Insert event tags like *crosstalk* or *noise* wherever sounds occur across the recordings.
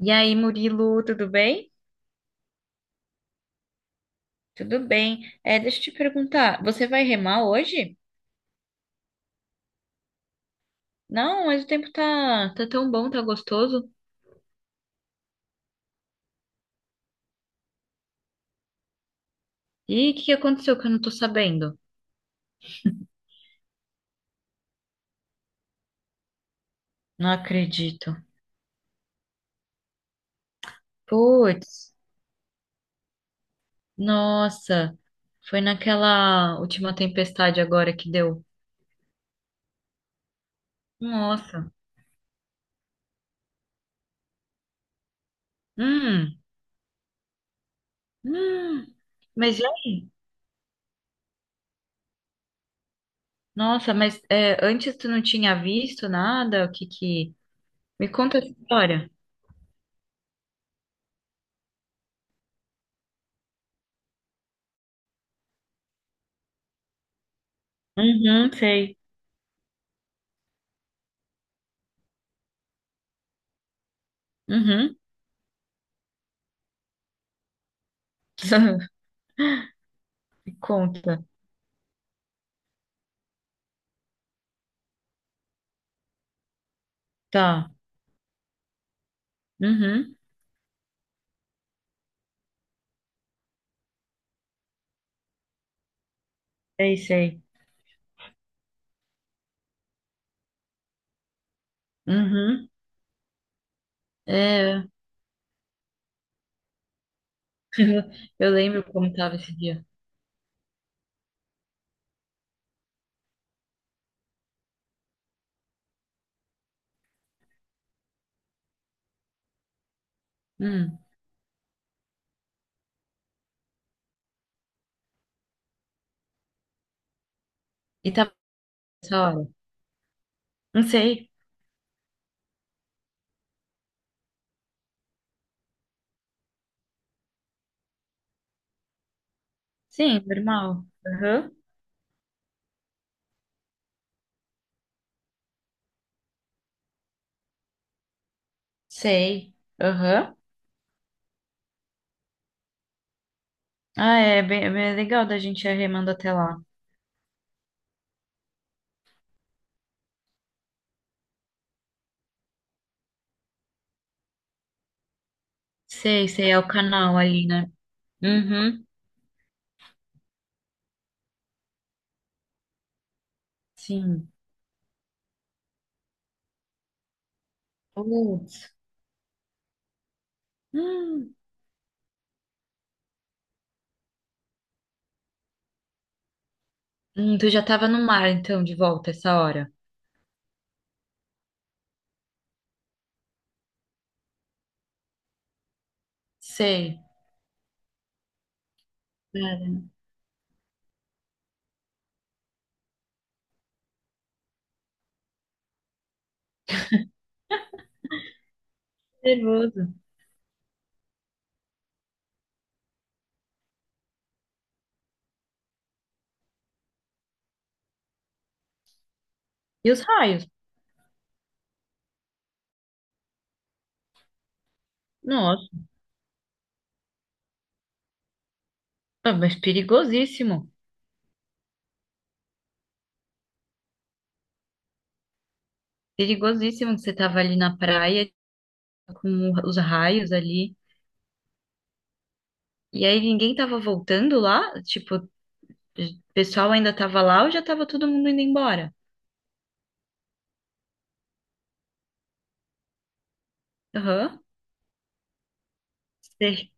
E aí, Murilo, tudo bem? Tudo bem. Deixa eu te perguntar, você vai remar hoje? Não, mas o tempo tá tão bom, tá gostoso. E o que que aconteceu que eu não tô sabendo? Não acredito. Puts, nossa, foi naquela última tempestade agora que deu. Nossa, hum, hum. Mas e aí? Nossa, mas é, antes tu não tinha visto nada? O que que... Me conta essa história. Uhum, sei. Uhum. *laughs* Conta. Tá. Uhum. Sei, sei. Uhum. É, eu lembro como tava esse dia. Hum. E tava essa hora? Não sei. Sim, normal. Aham. Sei. Aham. Ah, é bem legal da gente ir remando até lá. Sei, sei, é o canal ali, né? Uhum. Sim. Putz. Hum. Tu já tava no mar, então, de volta essa hora. Sei. Cara, nervoso. E os raios? Nossa, ah, mas perigosíssimo. Perigosíssimo que você tava ali na praia com os raios ali. E aí ninguém tava voltando lá? Tipo, o pessoal ainda tava lá ou já tava todo mundo indo embora? Aham, sei.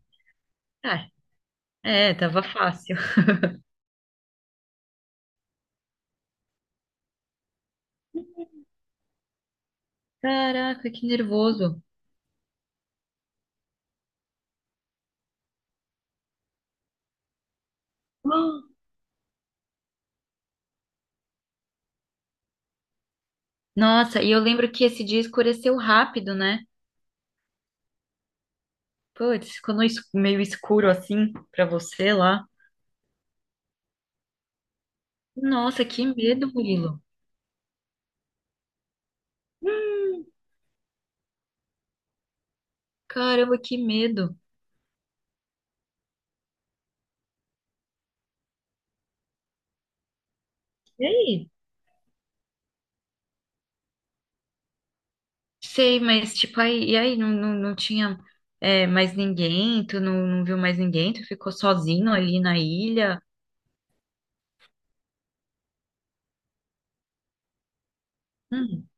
Ah, é, tava fácil. *laughs* Caraca, que nervoso. Ah, nossa, e eu lembro que esse dia escureceu rápido, né? Putz, ficou no meio escuro assim pra você lá. Nossa, que medo, Murilo. Hum, caramba, que medo. E aí? Sei, mas tipo, aí, e aí não tinha é, mais ninguém, tu não viu mais ninguém, tu ficou sozinho ali na ilha. Hum,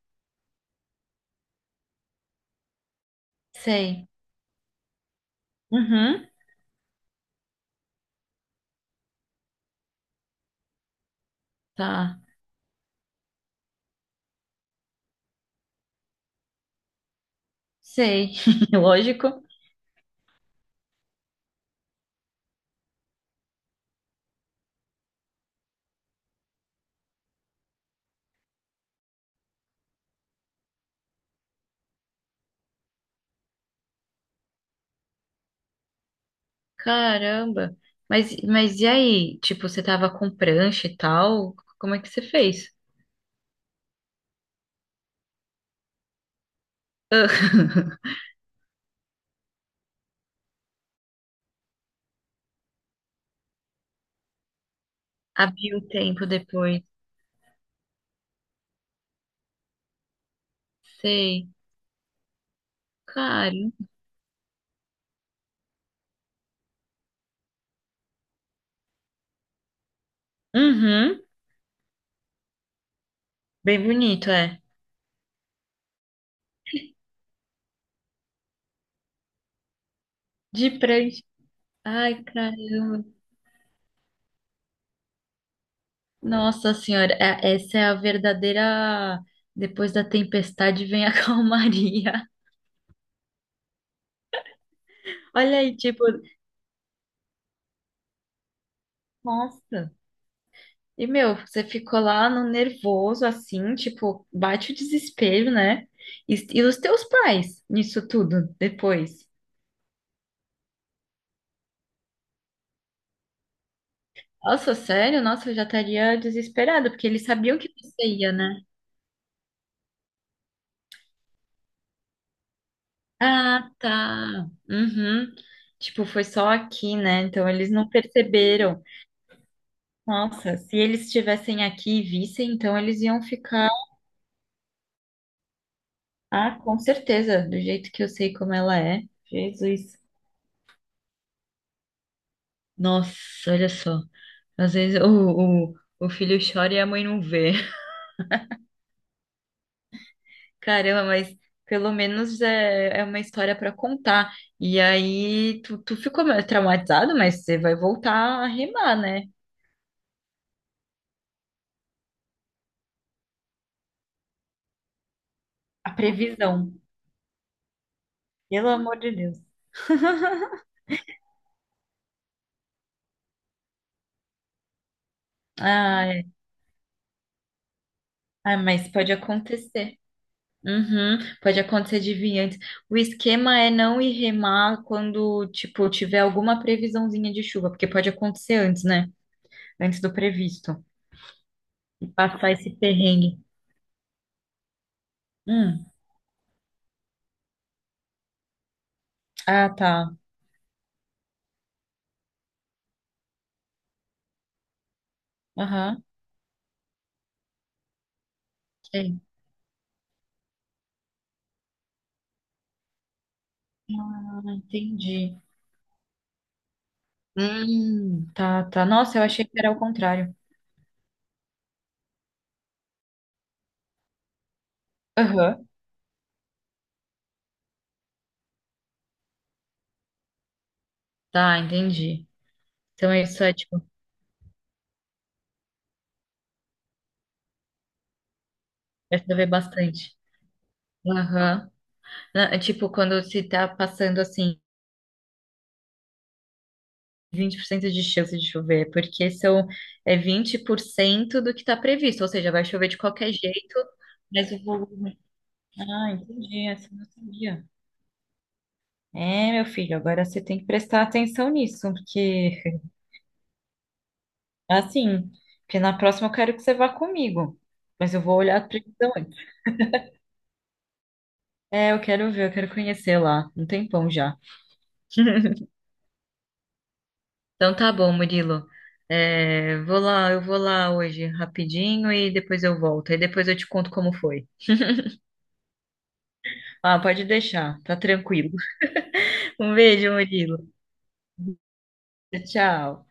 sei. Uhum, tá. Sei. *laughs* Lógico. Caramba. Mas e aí? Tipo, você tava com prancha e tal? Como é que você fez? Abriu o tempo depois. Sei. Cara. Uhum. Bem bonito, é. De prancha. Ai, caramba. Nossa Senhora, essa é a verdadeira. Depois da tempestade vem a *laughs* calmaria. Olha aí, tipo, nossa. E meu, você ficou lá no nervoso, assim, tipo, bate o desespero, né? E os teus pais nisso tudo depois. Nossa, sério? Nossa, eu já estaria desesperada, porque eles sabiam que você ia, né? Ah, tá. Uhum. Tipo, foi só aqui, né? Então eles não perceberam. Nossa, se eles estivessem aqui e vissem, então eles iam ficar. Ah, com certeza, do jeito que eu sei como ela é. Jesus. Nossa, olha só. Às vezes o filho chora e a mãe não vê. *laughs* Caramba, mas pelo menos é, é uma história para contar. E aí tu, tu ficou meio traumatizado, mas você vai voltar a rimar, né? A previsão. Pelo amor de Deus. *laughs* Ai, ai, mas pode acontecer. Uhum, pode acontecer de vir antes. O esquema é não ir remar quando, tipo, tiver alguma previsãozinha de chuva, porque pode acontecer antes, né? Antes do previsto. E passar esse perrengue. Hum, ah, tá. Aham, sei. Ah, entendi. Tá, tá. Nossa, eu achei que era o contrário. Aham. Tá, entendi. Então é isso é, tipo, vai saber bastante. Aham. É tipo, quando se tá passando assim 20% de chance de chover, porque são é 20% do que está previsto, ou seja, vai chover de qualquer jeito, mas o volume. Ah, entendi, essa eu não sabia. É, meu filho, agora você tem que prestar atenção nisso, porque assim, porque na próxima eu quero que você vá comigo, mas eu vou olhar a previsão antes. É, eu quero ver, eu quero conhecer lá, um tempão já. Então tá bom, Murilo. É, vou lá, eu vou lá hoje rapidinho e depois eu volto. E depois eu te conto como foi. Ah, pode deixar, tá tranquilo. Um beijo, Murilo. Tchau.